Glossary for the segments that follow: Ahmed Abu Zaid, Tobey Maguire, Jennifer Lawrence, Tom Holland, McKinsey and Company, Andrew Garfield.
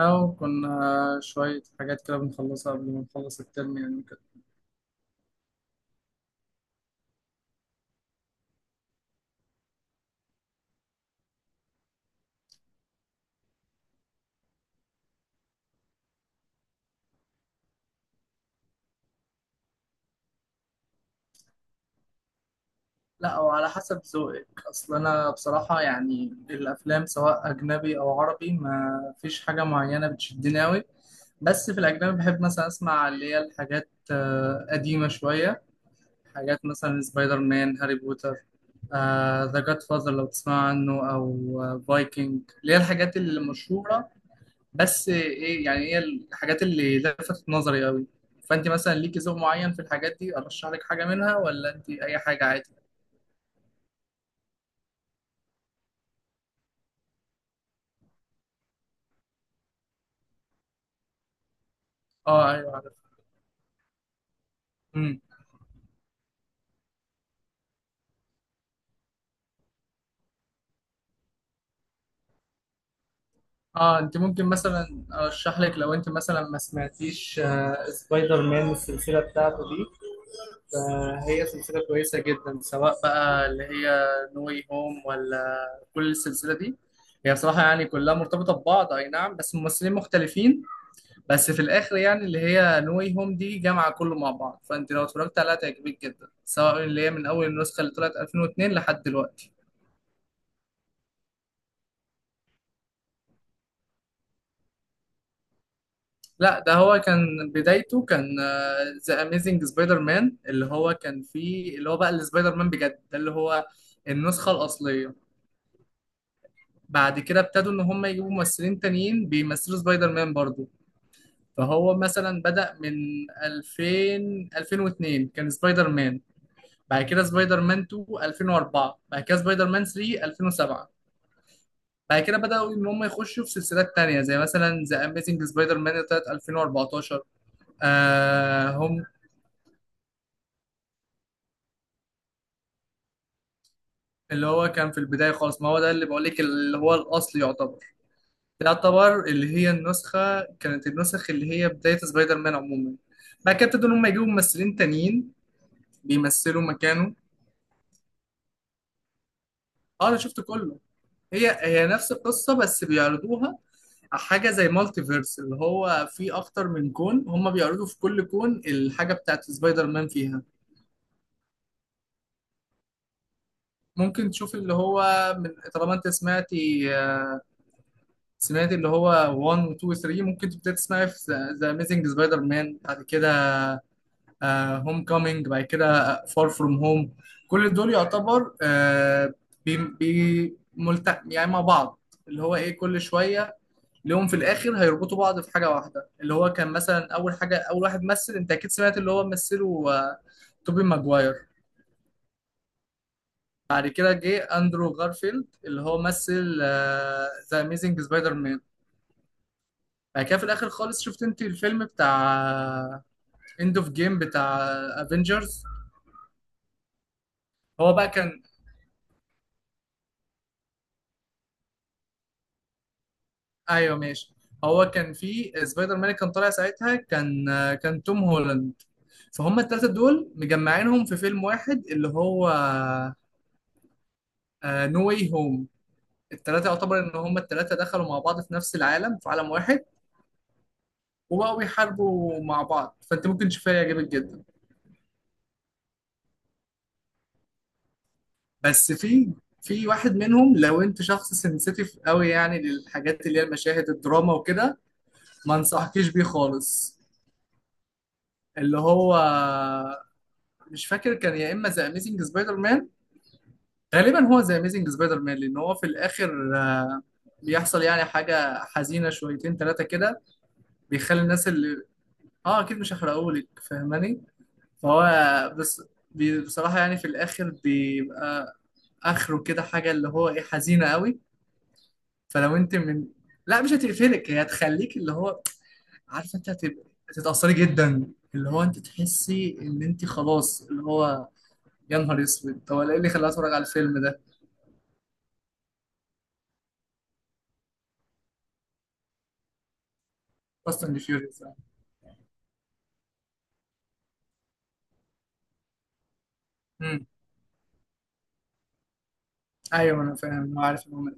أو كنا شوية حاجات كده بنخلصها قبل ما نخلص الترم يعني كده. لا، وعلى حسب ذوقك. أصل أنا بصراحة يعني الأفلام سواء أجنبي أو عربي ما فيش حاجة معينة بتشدني أوي. بس في الأجنبي بحب مثلا أسمع اللي هي الحاجات قديمة شوية. حاجات مثلا سبايدر مان، هاري بوتر، ذا جاد فاذر لو تسمع عنه، أو فايكنج، اللي هي الحاجات المشهورة. بس ايه، يعني هي الحاجات اللي لفتت نظري قوي. فانت مثلا ليكي ذوق معين في الحاجات دي ارشح لك حاجه منها، ولا انت اي حاجه عادي؟ اه، ايوه عارف. امم. اه، انت ممكن مثلا ارشح لك، لو انت مثلا ما سمعتيش سبايدر مان السلسله بتاعته دي. فهي سلسله كويسه جدا، سواء بقى اللي هي نو واي هوم، ولا كل السلسله دي. هي بصراحه يعني كلها مرتبطه ببعض، اي نعم، بس ممثلين مختلفين. بس في الاخر يعني اللي هي نوي هوم دي جامعه كله مع بعض، فانت لو اتفرجت عليها تعجبك جدا، سواء اللي هي من اول النسخه اللي طلعت 2002 لحد دلوقتي. لا، ده هو كان بدايته، كان ذا اميزنج سبايدر مان، اللي هو كان فيه اللي هو بقى السبايدر مان بجد، ده اللي هو النسخه الاصليه. بعد كده ابتدوا ان هم يجيبوا ممثلين تانيين بيمثلوا سبايدر مان برضو. فهو مثلا بدأ من 2000 2002 كان سبايدر مان، بعد كده سبايدر مان 2 2004، بعد كده سبايدر مان 3 2007. بعد كده بدأوا إن هم يخشوا في سلسلات تانية، زي مثلا ذا أميزنج سبايدر مان اللي طلعت 2014. آه هم اللي هو كان في البداية خالص، ما هو ده اللي بقول لك، اللي هو الأصل يعتبر. ده يعتبر اللي هي النسخ اللي هي بداية سبايدر مان عموما. بعد كده ابتدوا إن هم يجيبوا ممثلين تانيين بيمثلوا مكانه. اه، انا شفت كله. هي نفس القصة بس بيعرضوها حاجة زي مالتي فيرس، اللي هو في أكتر من كون، هما بيعرضوا في كل كون الحاجة بتاعت سبايدر مان فيها. ممكن تشوف اللي هو، من طالما أنت سمعت اللي هو 1 و 2 و 3، ممكن تبدأ تسمعي في ذا أميزنج سبايدر مان، بعد كده هوم كومينج، بعد كده فار فروم هوم. كل دول يعتبر يعني مع بعض، اللي هو إيه كل شوية ليهم في الاخر هيربطوا بعض في حاجه واحده. اللي هو كان مثلا اول حاجه، اول واحد مثل، انت اكيد سمعت اللي هو مثله، توبي ماجواير. بعد كده جه اندرو غارفيلد، اللي هو مثل ذا اميزنج سبايدر مان. بعد كده في الاخر خالص، شفت انت الفيلم بتاع اند اوف جيم بتاع افنجرز. هو بقى كان... ايوه ماشي. هو كان في سبايدر مان، كان طالع ساعتها، كان توم هولاند. فهم الثلاثه دول مجمعينهم في فيلم واحد، اللي هو نو واي هوم. التلاتة يعتبر إن هما التلاتة دخلوا مع بعض في نفس العالم، في عالم واحد. وبقوا بيحاربوا مع بعض، فأنت ممكن تشوفها يعجبك جدا. بس في واحد منهم، لو أنت شخص سنسيتيف قوي يعني للحاجات اللي هي المشاهد الدراما وكده، ما أنصحكيش بيه خالص. اللي هو مش فاكر، كان يا إما ذا أميزنج سبايدر مان، غالبا هو ذا أميزنج سبايدر مان. لأن هو في الآخر بيحصل يعني حاجة حزينة شويتين تلاتة كده. بيخلي الناس اللي... اه، اكيد مش هحرقهولك، فاهماني. فهو بس بصراحة يعني في الآخر بيبقى آخره كده حاجة، اللي هو إيه، حزينة قوي. فلو أنت من... لا مش هتقفلك، هي هتخليك اللي هو، عارفة أنت هتبقى، هتتأثري جدا. اللي هو أنت تحسي إن أنت خلاص اللي هو، يا نهار أسود طب أنا إيه اللي خلاني أتفرج على الفيلم ده. فاست أند فيوريوس. أيوه أنا فاهم، أنا عارف المهم.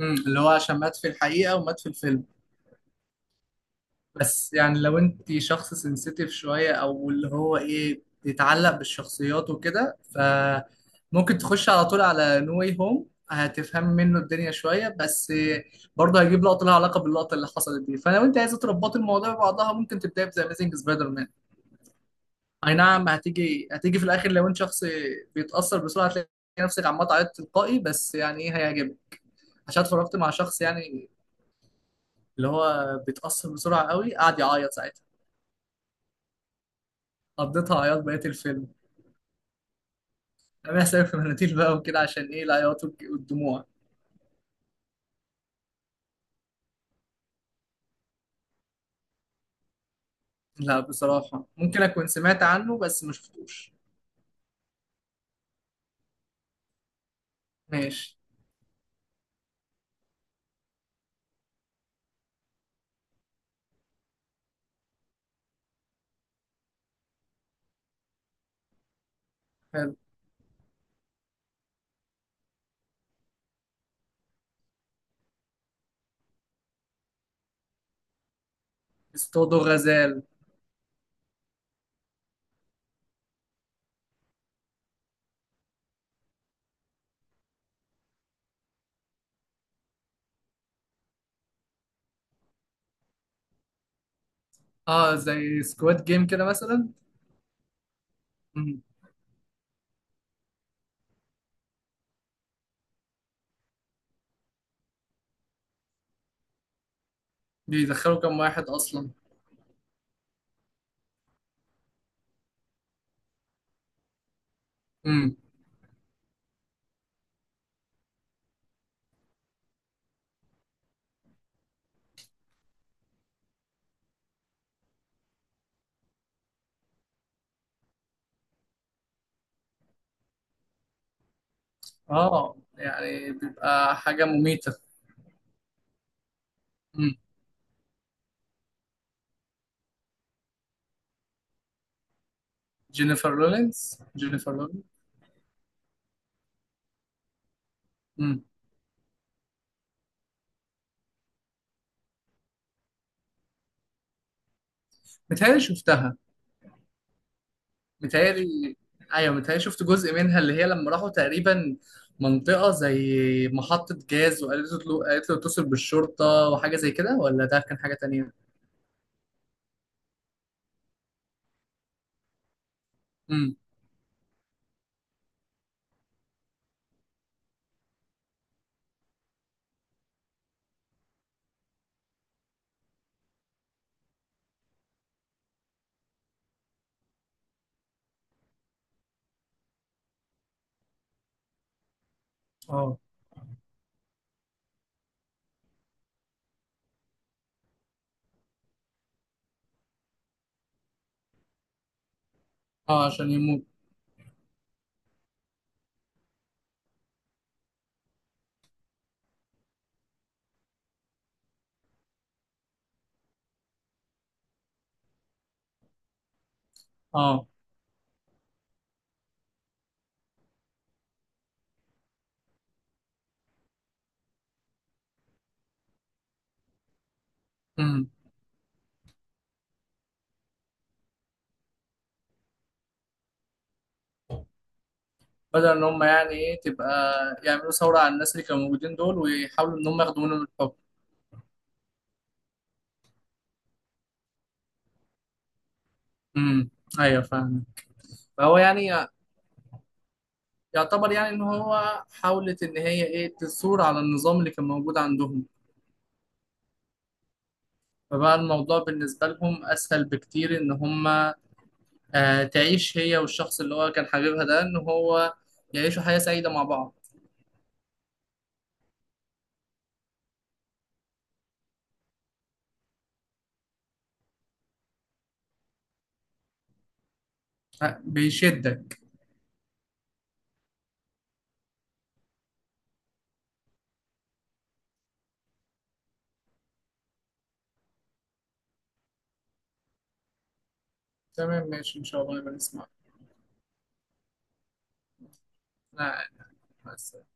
اللي هو عشان مات في الحقيقة ومات في الفيلم. بس يعني لو انت شخص سنسيتيف شوية، او اللي هو ايه بيتعلق بالشخصيات وكده، فممكن تخش على طول على نو واي هوم، هتفهم منه الدنيا شوية بس. برضه هيجيب لقطة لها علاقة باللقطة اللي حصلت دي، فلو انت عايزة تربطي الموضوع ببعضها ممكن تبدأي بذا اميزنج سبايدر مان. اي نعم، هتيجي في الاخر، لو انت شخص بيتأثر بسرعة هتلاقي نفسك عمال تعيط تلقائي، بس يعني ايه، هيعجبك. عشان اتفرجت مع شخص يعني اللي هو بيتأثر بسرعة قوي، قعد يعيط ساعتها. قضيتها عياط بقية الفيلم. انا بحسب في مناديل بقى وكده، عشان ايه، العياط والدموع. لا بصراحة ممكن اكون سمعت عنه بس ما شفتوش. ماشي. حلو. اصطادوا غزال. اه، زي سكواد جيم كده مثلا. مم. بيدخلوا كام واحد اصلا؟ مم. اه، يعني بيبقى حاجة مميتة. مم. جينيفر لورنس، جينيفر لورنس. مم. متهيألي شفتها. متهيألي، أيوة متهيألي شفت جزء منها، اللي هي لما راحوا تقريبا منطقة زي محطة جاز، وقالت له، قالت له اتصل بالشرطة وحاجة زي كده، ولا ده كان حاجة تانية؟ امم. اه. اه، عشان يموت. اه. امم. بدل إن هم يعني إيه تبقى، يعملوا ثورة على الناس اللي كانوا موجودين دول، ويحاولوا إن هم ياخدوا منهم الحكم. امم. أيوة فاهم. فهو يعني يعتبر يعني إن هو حاولت إن هي إيه تثور على النظام اللي كان موجود عندهم. فبقى الموضوع بالنسبة لهم أسهل بكتير إن هما تعيش هي والشخص اللي هو كان حبيبها ده إن هو يعيشوا حياة سعيدة مع بعض. بيشدك. تمام ماشي إن شاء الله نبقى نسمع. أنا قاعد. مع السلامة.